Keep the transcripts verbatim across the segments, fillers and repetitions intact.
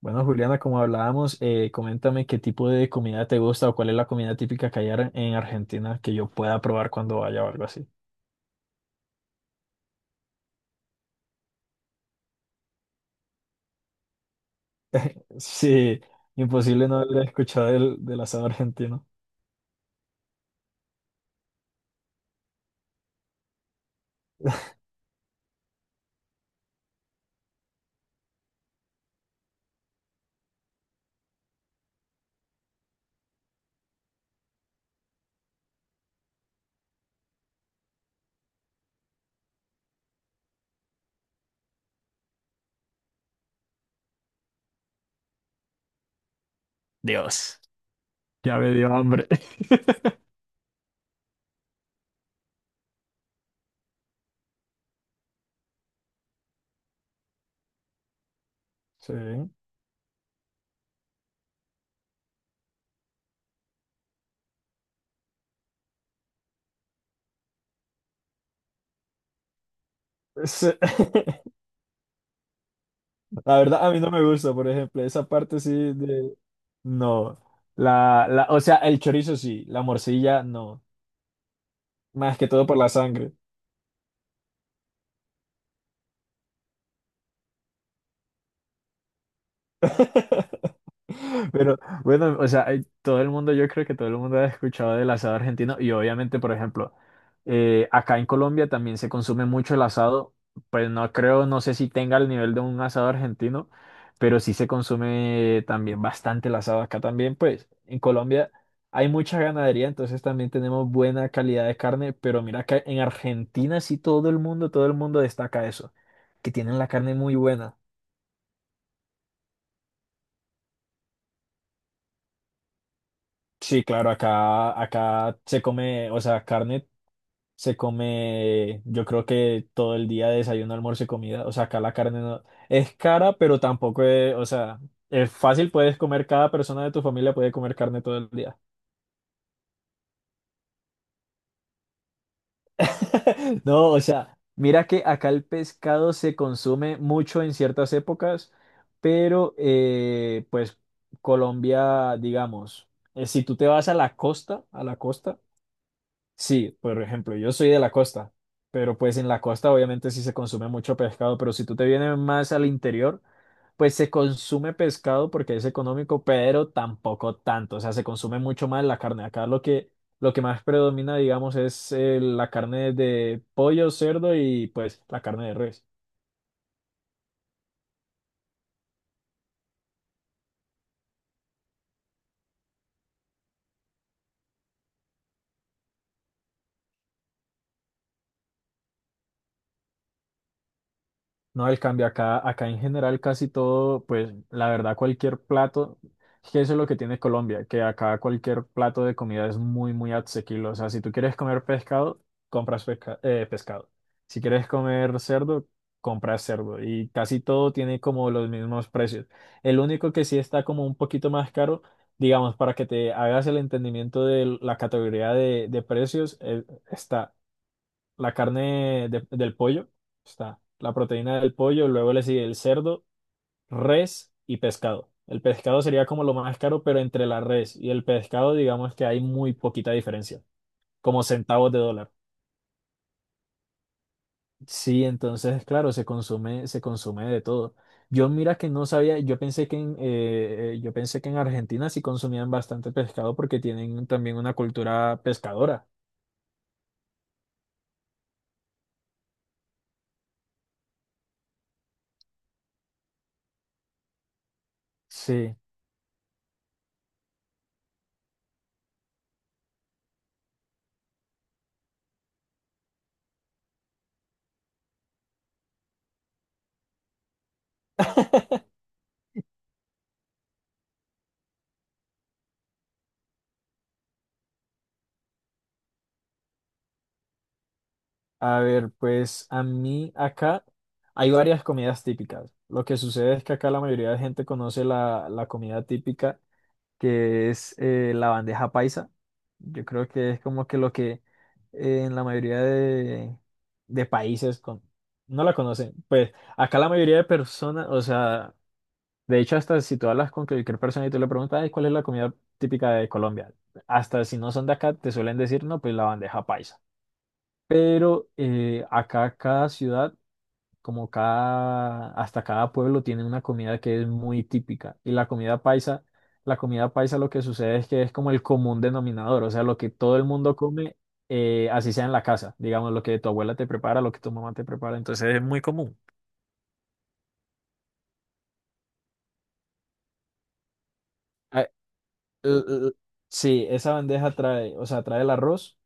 Bueno, Juliana, como hablábamos, eh, coméntame qué tipo de comida te gusta o cuál es la comida típica que hay ar- en Argentina que yo pueda probar cuando vaya o algo así. Sí, imposible no haber escuchado del, del asado argentino. Dios, ya me dio hambre. Sí. Sí. La verdad, a mí no me gusta, por ejemplo, esa parte sí de... No, la, la, o sea, el chorizo sí, la morcilla no, más que todo por la sangre. Pero bueno, o sea, hay- todo el mundo, yo creo que todo el mundo ha escuchado del asado argentino y obviamente, por ejemplo, eh, acá en Colombia también se consume mucho el asado, pues no creo, no sé si tenga el nivel de un asado argentino, pero sí se consume también bastante el asado acá también, pues en Colombia hay mucha ganadería, entonces también tenemos buena calidad de carne, pero mira que en Argentina sí todo el mundo, todo el mundo destaca eso, que tienen la carne muy buena. Sí, claro, acá, acá se come, o sea, carne. Se come, yo creo que todo el día desayuno, almuerzo y comida. O sea, acá la carne no es cara, pero tampoco es, o sea, es fácil, puedes comer, cada persona de tu familia puede comer carne todo el día. No, o sea, mira que acá el pescado se consume mucho en ciertas épocas, pero eh, pues Colombia, digamos, eh, si tú te vas a la costa, a la costa, Sí, por ejemplo, yo soy de la costa, pero pues en la costa obviamente sí se consume mucho pescado, pero si tú te vienes más al interior, pues se consume pescado porque es económico, pero tampoco tanto, o sea, se consume mucho más la carne. Acá lo que, lo que más predomina, digamos, es eh, la carne de pollo, cerdo y pues la carne de res. No, el cambio acá, acá en general casi todo, pues la verdad cualquier plato, es que eso es lo que tiene Colombia, que acá cualquier plato de comida es muy, muy asequible. O sea, si tú quieres comer pescado, compras pesca- eh, pescado. Si quieres comer cerdo, compras cerdo. Y casi todo tiene como los mismos precios. El único que sí está como un poquito más caro, digamos, para que te hagas el entendimiento de la categoría de, de precios, eh, está la carne de- del pollo, está la proteína del pollo, luego le sigue el cerdo, res y pescado. El pescado sería como lo más caro, pero entre la res y el pescado, digamos que hay muy poquita diferencia, como centavos de dólar. Sí, entonces, claro, se consume, se consume de todo. Yo mira que no sabía, yo pensé que en, eh, eh, yo pensé que en Argentina sí consumían bastante pescado porque tienen también una cultura pescadora. Sí. A ver, pues a mí acá hay varias comidas típicas. Lo que sucede es que acá la mayoría de gente conoce la, la comida típica, que es eh, la bandeja paisa. Yo creo que es como que lo que eh, en la mayoría de, de países con- no la conocen. Pues acá la mayoría de personas, o sea, de hecho hasta si tú hablas con cualquier persona y tú le preguntas, "Ay, ¿cuál es la comida típica de Colombia?" Hasta si no son de acá, te suelen decir, no, pues la bandeja paisa. Pero eh, acá cada ciudad, como cada, hasta cada pueblo tiene una comida que es muy típica. Y la comida paisa, la comida paisa lo que sucede es que es como el común denominador, o sea, lo que todo el mundo come, eh, así sea en la casa, digamos, lo que tu abuela te prepara, lo que tu mamá te prepara, entonces es muy común. Ah, l- l- sí, esa bandeja trae, o sea, trae el arroz,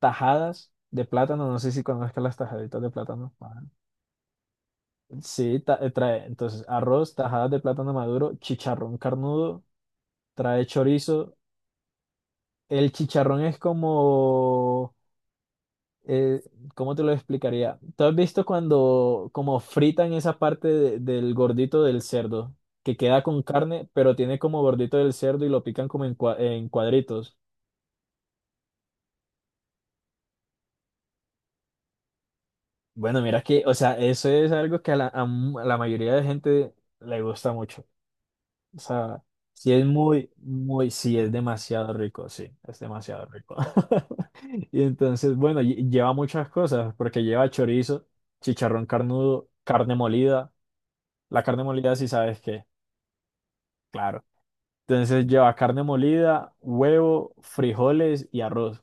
tajadas de plátano, no sé si conozcas las tajaditas de plátano. Sí, ta- eh, trae entonces arroz, tajadas de plátano maduro, chicharrón carnudo, trae chorizo. El chicharrón es como, eh, ¿cómo te lo explicaría? ¿Tú has visto cuando como fritan esa parte de- del gordito del cerdo, que queda con carne, pero tiene como gordito del cerdo y lo pican como en, cua- en cuadritos? Bueno, mira que, o sea, eso es algo que a la, a mu- a la mayoría de gente le gusta mucho. O sea, sí es muy, muy, sí es demasiado rico, sí, es demasiado rico. Y entonces, bueno, lle- lleva muchas cosas, porque lleva chorizo, chicharrón carnudo, carne molida. La carne molida, si sabes qué, claro. Entonces lleva carne molida, huevo, frijoles y arroz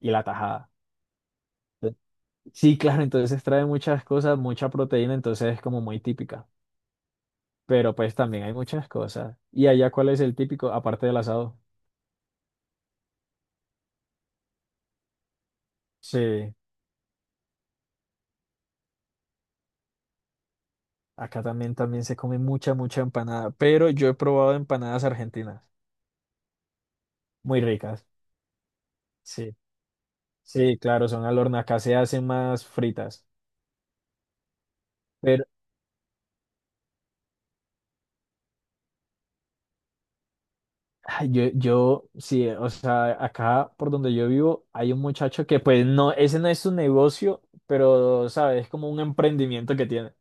y la tajada. Entonces, sí, claro, entonces trae muchas cosas, mucha proteína, entonces es como muy típica. Pero pues también hay muchas cosas. ¿Y allá cuál es el típico, aparte del asado? Sí. Acá también, también se come mucha, mucha empanada, pero yo he probado empanadas argentinas, muy ricas. Sí, sí, claro, son al horno, acá se hacen más fritas. Pero ay, yo, yo, sí, o sea, acá por donde yo vivo hay un muchacho que pues no, ese no es su negocio, pero, ¿sabes? Es como un emprendimiento que tiene.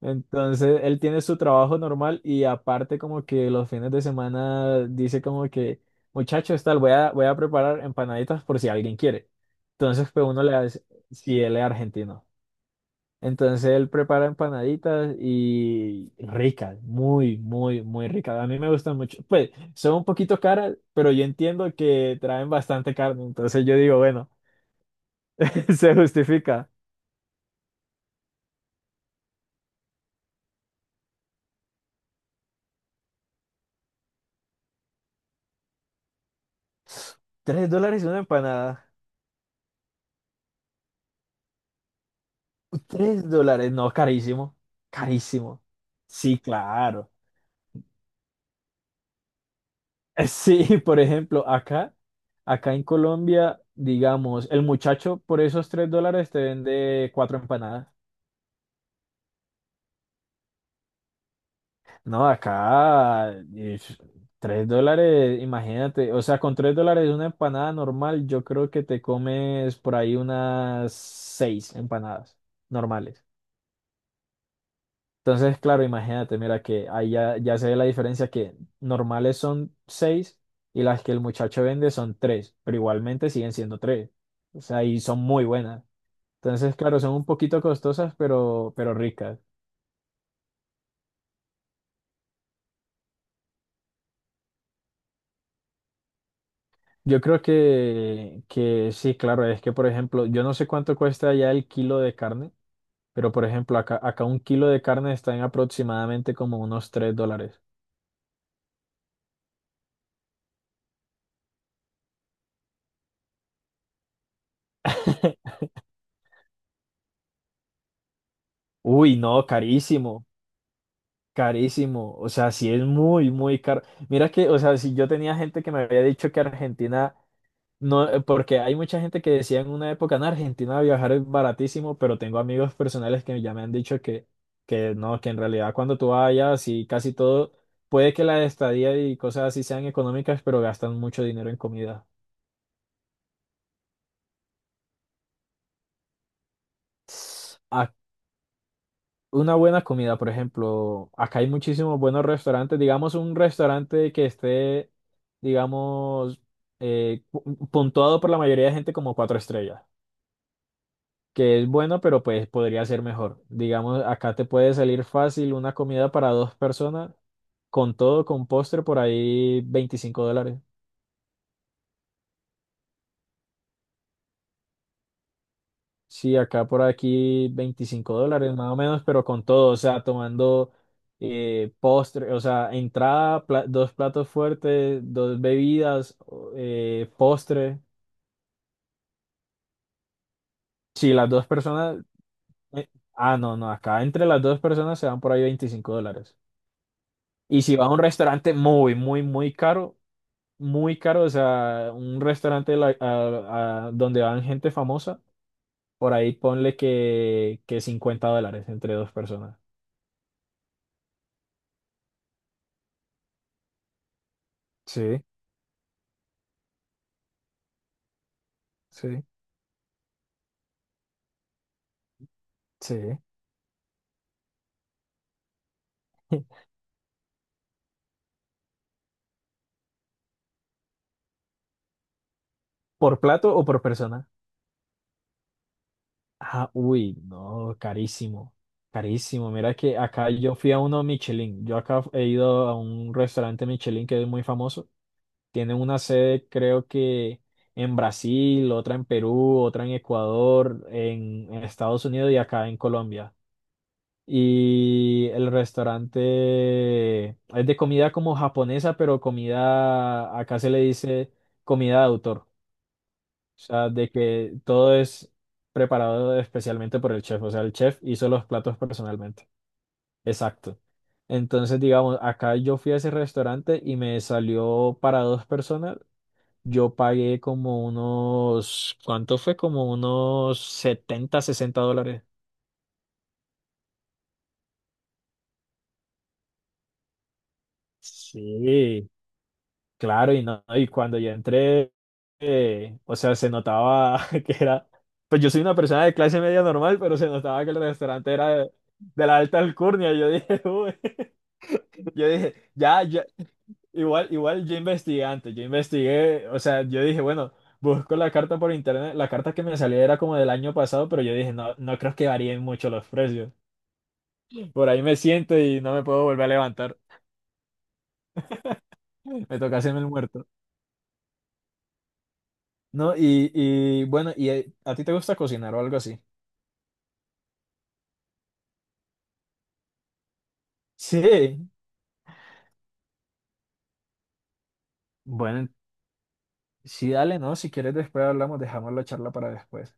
Entonces, él tiene su trabajo normal y aparte como que los fines de semana dice como que, muchachos, tal, voy a, voy a preparar empanaditas por si alguien quiere. Entonces, pues uno le hace, si él es argentino. Entonces, él prepara empanaditas y ricas, muy, muy, muy ricas. A mí me gustan mucho. Pues, son un poquito caras, pero yo entiendo que traen bastante carne. Entonces, yo digo, bueno, se justifica. Tres dólares una empanada. Tres dólares, no, carísimo, carísimo. Sí, claro. Eh, sí, por ejemplo, acá, acá en Colombia, digamos, el muchacho por esos tres dólares te vende cuatro empanadas. No, acá, ish, tres dólares, imagínate, o sea, con tres dólares una empanada normal, yo creo que te comes por ahí unas seis empanadas normales. Entonces, claro, imagínate, mira que ahí ya, ya se ve la diferencia que normales son seis y las que el muchacho vende son tres, pero igualmente siguen siendo tres. O sea, y son muy buenas. Entonces, claro, son un poquito costosas, pero, pero ricas. Yo creo que, que sí, claro, es que, por ejemplo, yo no sé cuánto cuesta ya el kilo de carne, pero, por ejemplo, acá, acá un kilo de carne está en aproximadamente como unos tres dólares. Uy, no, carísimo. Carísimo, o sea, sí es muy, muy caro. Mira que, o sea, si yo tenía gente que me había dicho que Argentina no, eh, porque hay mucha gente que decía en una época, en Argentina viajar es baratísimo, pero tengo amigos personales que ya me han dicho que, que no, que en realidad cuando tú vayas y casi todo, puede que la estadía y cosas así sean económicas, pero gastan mucho dinero en comida. Una buena comida, por ejemplo, acá hay muchísimos buenos restaurantes, digamos un restaurante que esté, digamos, eh, pu- puntuado por la mayoría de gente como cuatro estrellas, que es bueno, pero pues podría ser mejor. Digamos, acá te puede salir fácil una comida para dos personas, con todo, con postre, por ahí veinticinco dólares. Sí, acá por aquí veinticinco dólares más o menos, pero con todo, o sea, tomando eh, postre, o sea, entrada, pla- dos platos fuertes, dos bebidas, o- eh, postre. Si las dos personas, eh, ah, no, no, acá entre las dos personas se van por ahí veinticinco dólares. Y si va a un restaurante muy, muy, muy caro, muy caro, o sea, un restaurante la- a- a- donde van gente famosa, por ahí ponle que, que cincuenta dólares entre dos personas. Sí, sí. Sí. ¿Por plato o por persona? Ah, uy, no, carísimo. Carísimo. Mira que acá yo fui a uno Michelin. Yo acá he ido a un restaurante Michelin que es muy famoso. Tienen una sede, creo que en Brasil, otra en Perú, otra en Ecuador, en en Estados Unidos y acá en Colombia. Y el restaurante es de comida como japonesa, pero comida, acá se le dice comida de autor. O sea, de que todo es preparado especialmente por el chef. O sea, el chef hizo los platos personalmente. Exacto. Entonces, digamos, acá yo fui a ese restaurante y me salió para dos personas. Yo pagué como unos, ¿cuánto fue? Como unos setenta sesenta dólares. Sí, claro, y no, y cuando yo entré, eh, o sea, se notaba que era, pues yo soy una persona de clase media normal, pero se notaba que el restaurante era de, de la alta alcurnia. Yo dije, uy, yo dije, ya, ya, igual, igual yo investigué antes, yo investigué, o sea, yo dije, bueno, busco la carta por internet, la carta que me salía era como del año pasado, pero yo dije, no, no creo que varíen mucho los precios. Por ahí me siento y no me puedo volver a levantar. Me toca hacerme el muerto. ¿No? Y, y bueno, ¿y eh, a ti te gusta cocinar o algo así? Sí. Bueno, sí, dale, ¿no? Si quieres después hablamos, dejamos la charla para después.